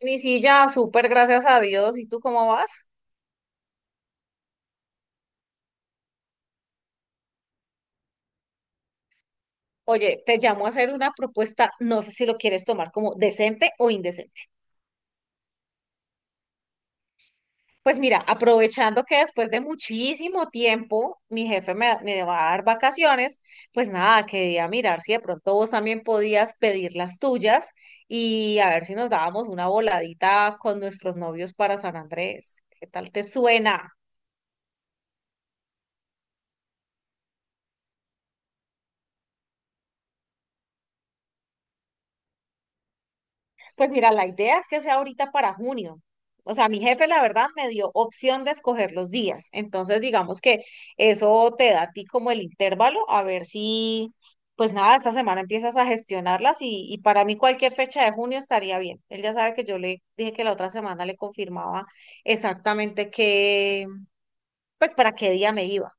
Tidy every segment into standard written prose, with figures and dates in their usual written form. Ni si ya, súper, gracias a Dios. ¿Y tú cómo vas? Oye, te llamo a hacer una propuesta, no sé si lo quieres tomar como decente o indecente. Pues mira, aprovechando que después de muchísimo tiempo mi jefe me va a dar vacaciones, pues nada, quería mirar si de pronto vos también podías pedir las tuyas y a ver si nos dábamos una voladita con nuestros novios para San Andrés. ¿Qué tal te suena? Pues mira, la idea es que sea ahorita para junio. O sea, mi jefe, la verdad, me dio opción de escoger los días. Entonces, digamos que eso te da a ti como el intervalo, a ver si, pues nada, esta semana empiezas a gestionarlas y para mí cualquier fecha de junio estaría bien. Él ya sabe que yo le dije que la otra semana le confirmaba exactamente qué, pues para qué día me iba.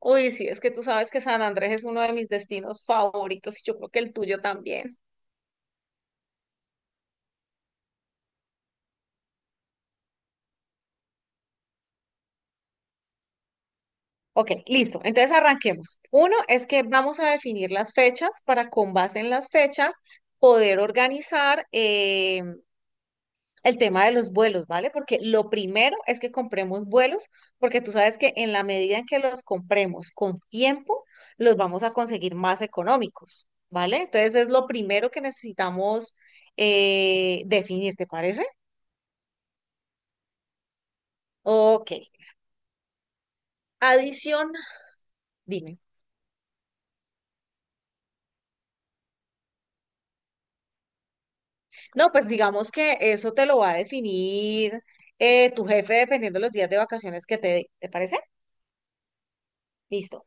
Uy, sí, es que tú sabes que San Andrés es uno de mis destinos favoritos y yo creo que el tuyo también. Ok, listo. Entonces arranquemos. Uno es que vamos a definir las fechas para con base en las fechas poder organizar el tema de los vuelos, ¿vale? Porque lo primero es que compremos vuelos, porque tú sabes que en la medida en que los compremos con tiempo, los vamos a conseguir más económicos, ¿vale? Entonces es lo primero que necesitamos definir, ¿te parece? Ok. Adición, dime. No, pues digamos que eso te lo va a definir tu jefe dependiendo de los días de vacaciones que te dé. ¿Te parece? Listo.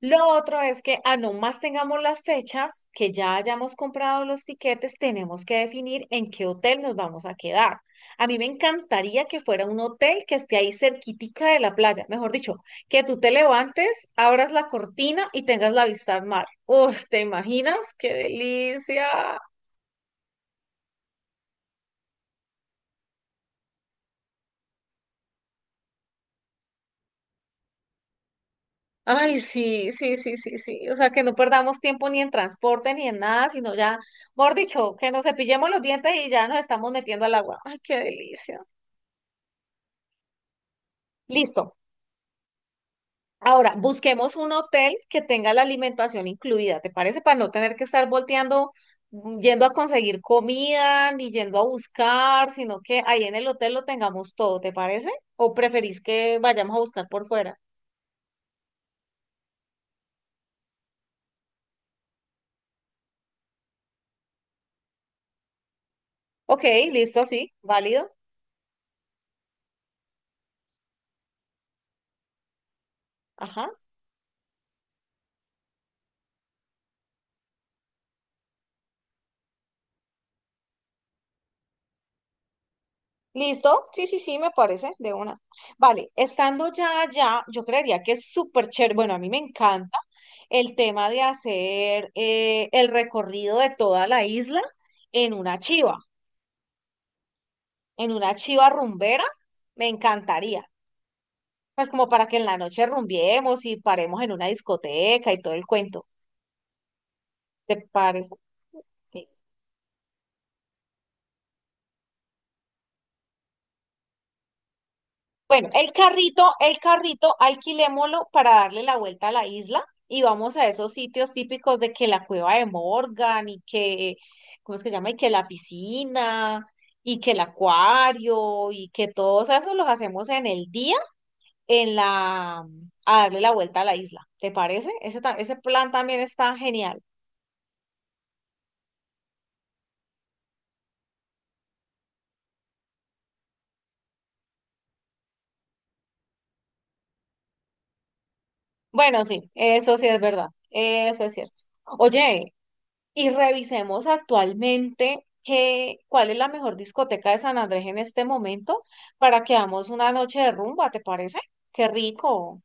Lo otro es que a no más tengamos las fechas, que ya hayamos comprado los tiquetes, tenemos que definir en qué hotel nos vamos a quedar. A mí me encantaría que fuera un hotel que esté ahí cerquitica de la playa. Mejor dicho, que tú te levantes, abras la cortina y tengas la vista al mar. Uf, ¿te imaginas? ¡Qué delicia! Ay, sí, sí, sí, sí, sí. O sea, que no perdamos tiempo ni en transporte ni en nada, sino ya, mejor dicho, que nos cepillemos los dientes y ya nos estamos metiendo al agua. Ay, qué delicia. Listo. Ahora, busquemos un hotel que tenga la alimentación incluida, ¿te parece? Para no tener que estar volteando, yendo a conseguir comida, ni yendo a buscar, sino que ahí en el hotel lo tengamos todo, ¿te parece? ¿O preferís que vayamos a buscar por fuera? Ok, listo, sí, válido. Ajá. ¿Listo? Sí, sí, sí, me parece, de una. Vale, estando ya allá, yo creería que es súper chévere, bueno, a mí me encanta el tema de hacer el recorrido de toda la isla en una chiva, en una chiva rumbera, me encantaría. Pues como para que en la noche rumbiemos y paremos en una discoteca y todo el cuento. ¿Te parece? Bueno, el carrito, alquilémoslo para darle la vuelta a la isla y vamos a esos sitios típicos de que la cueva de Morgan y que, ¿cómo es que se llama? Y que la piscina y que el acuario y que todos esos los hacemos en el día en la, a darle la vuelta a la isla. ¿Te parece? Ese plan también está genial. Bueno, sí, eso sí es verdad. Eso es cierto. Oye, y revisemos actualmente cuál es la mejor discoteca de San Andrés en este momento para que hagamos una noche de rumba, ¿te parece? Qué rico.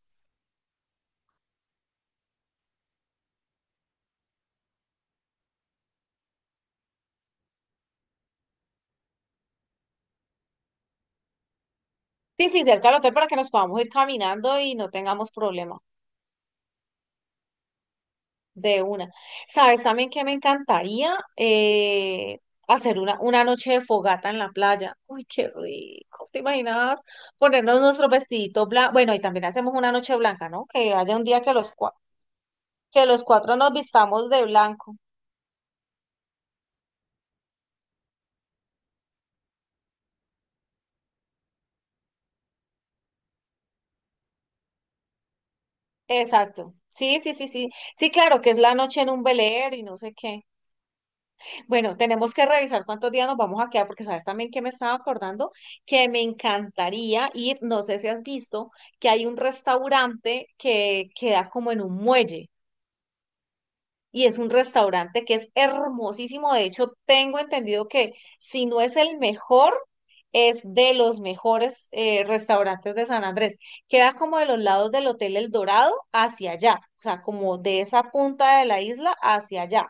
Sí, sí, cerca del hotel para que nos podamos ir caminando y no tengamos problema de una. ¿Sabes también que me encantaría hacer una noche de fogata en la playa? Uy, qué rico. ¿Te imaginas ponernos nuestro vestidito blanco? Bueno, y también hacemos una noche blanca, ¿no? Que haya un día que que los cuatro nos vistamos de blanco. Exacto. Sí, sí, sí, sí. Sí, claro, que es la noche en un velero y no sé qué. Bueno, tenemos que revisar cuántos días nos vamos a quedar, porque sabes también que me estaba acordando que me encantaría ir, no sé si has visto, que hay un restaurante que queda como en un muelle y es un restaurante que es hermosísimo. De hecho, tengo entendido que si no es el mejor, es de los mejores restaurantes de San Andrés. Queda como de los lados del Hotel El Dorado hacia allá, o sea, como de esa punta de la isla hacia allá,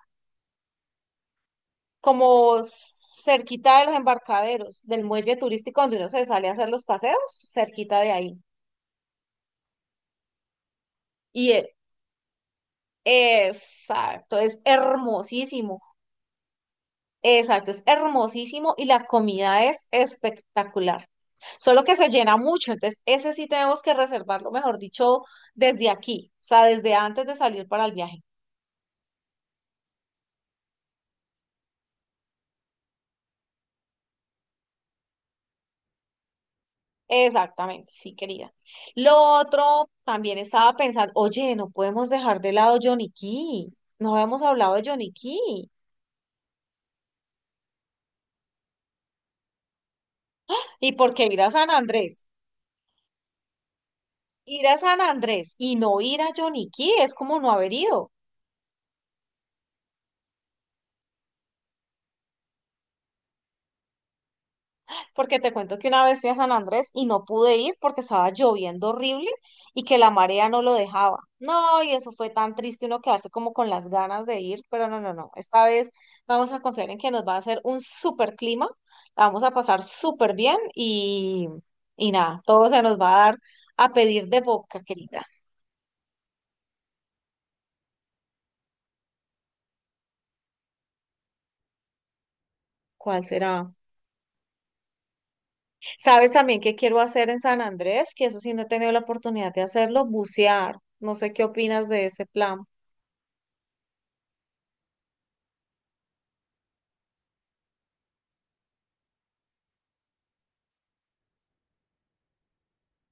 como cerquita de los embarcaderos, del muelle turístico donde uno se sale a hacer los paseos, cerquita de ahí. Y e- exacto, es hermosísimo. Exacto, es hermosísimo y la comida es espectacular. Solo que se llena mucho, entonces ese sí tenemos que reservarlo, mejor dicho, desde aquí, o sea, desde antes de salir para el viaje. Exactamente, sí, querida. Lo otro, también estaba pensando, oye, no podemos dejar de lado Johnny Cay. No habíamos hablado de Johnny Cay. ¿Y por qué ir a San Andrés? Ir a San Andrés y no ir a Johnny Cay es como no haber ido. Porque te cuento que una vez fui a San Andrés y no pude ir porque estaba lloviendo horrible y que la marea no lo dejaba. No, y eso fue tan triste uno quedarse como con las ganas de ir, pero no, no, no. Esta vez vamos a confiar en que nos va a hacer un súper clima, la vamos a pasar súper bien y nada, todo se nos va a dar a pedir de boca, querida. ¿Cuál será? ¿Sabes también qué quiero hacer en San Andrés? Que eso sí no he tenido la oportunidad de hacerlo, bucear. No sé qué opinas de ese plan.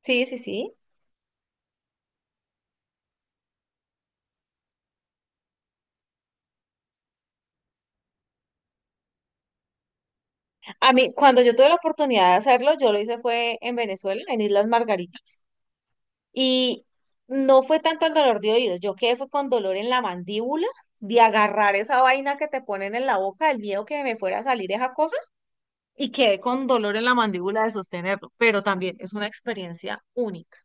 Sí, sí, sí. A mí, cuando yo tuve la oportunidad de hacerlo, yo lo hice fue en Venezuela, en Islas Margaritas, y no fue tanto el dolor de oídos, yo quedé fue con dolor en la mandíbula, de agarrar esa vaina que te ponen en la boca, el miedo que me fuera a salir esa cosa, y quedé con dolor en la mandíbula de sostenerlo, pero también es una experiencia única.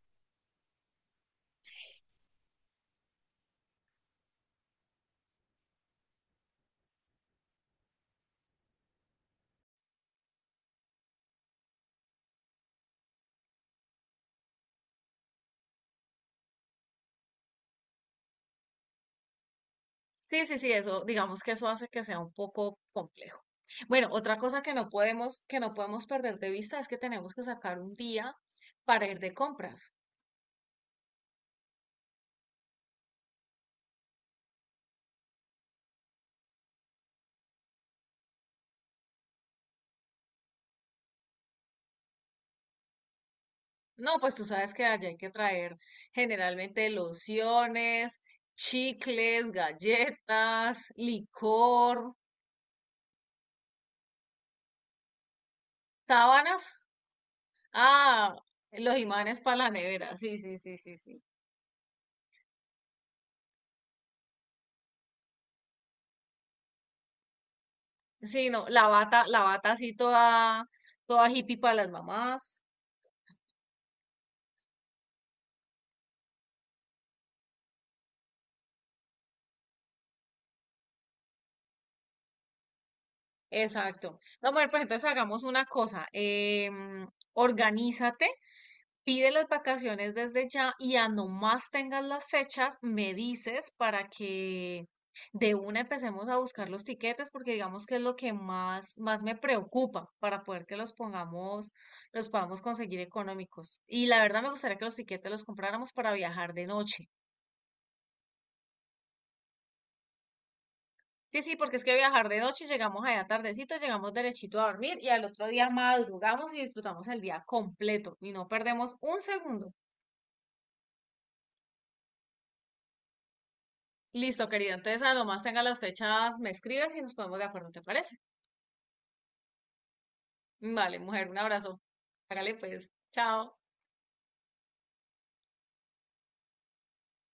Sí, sí, sí, eso, digamos que eso hace que sea un poco complejo. Bueno, otra cosa que no podemos perder de vista es que tenemos que sacar un día para ir de compras. No, pues tú sabes que allá hay que traer generalmente lociones, chicles, galletas, licor, sábanas. Ah, los imanes para la nevera. Sí, sí, sí, sí, sí. Sí, no, la bata así toda, toda hippie para las mamás. Exacto. No, mujer, pues entonces hagamos una cosa. Organízate. Pide las vacaciones desde ya y a no más tengas las fechas, me dices para que de una empecemos a buscar los tiquetes, porque digamos que es lo que más, más me preocupa para poder que los pongamos, los podamos conseguir económicos. Y la verdad me gustaría que los tiquetes los compráramos para viajar de noche. Sí, sí, porque es que viajar de noche, llegamos allá tardecito, llegamos derechito a dormir y al otro día madrugamos y disfrutamos el día completo y no perdemos un segundo. Listo, querida. Entonces, a lo más tenga las fechas, me escribes y nos ponemos de acuerdo, ¿te parece? Vale, mujer, un abrazo. Hágale pues. Chao.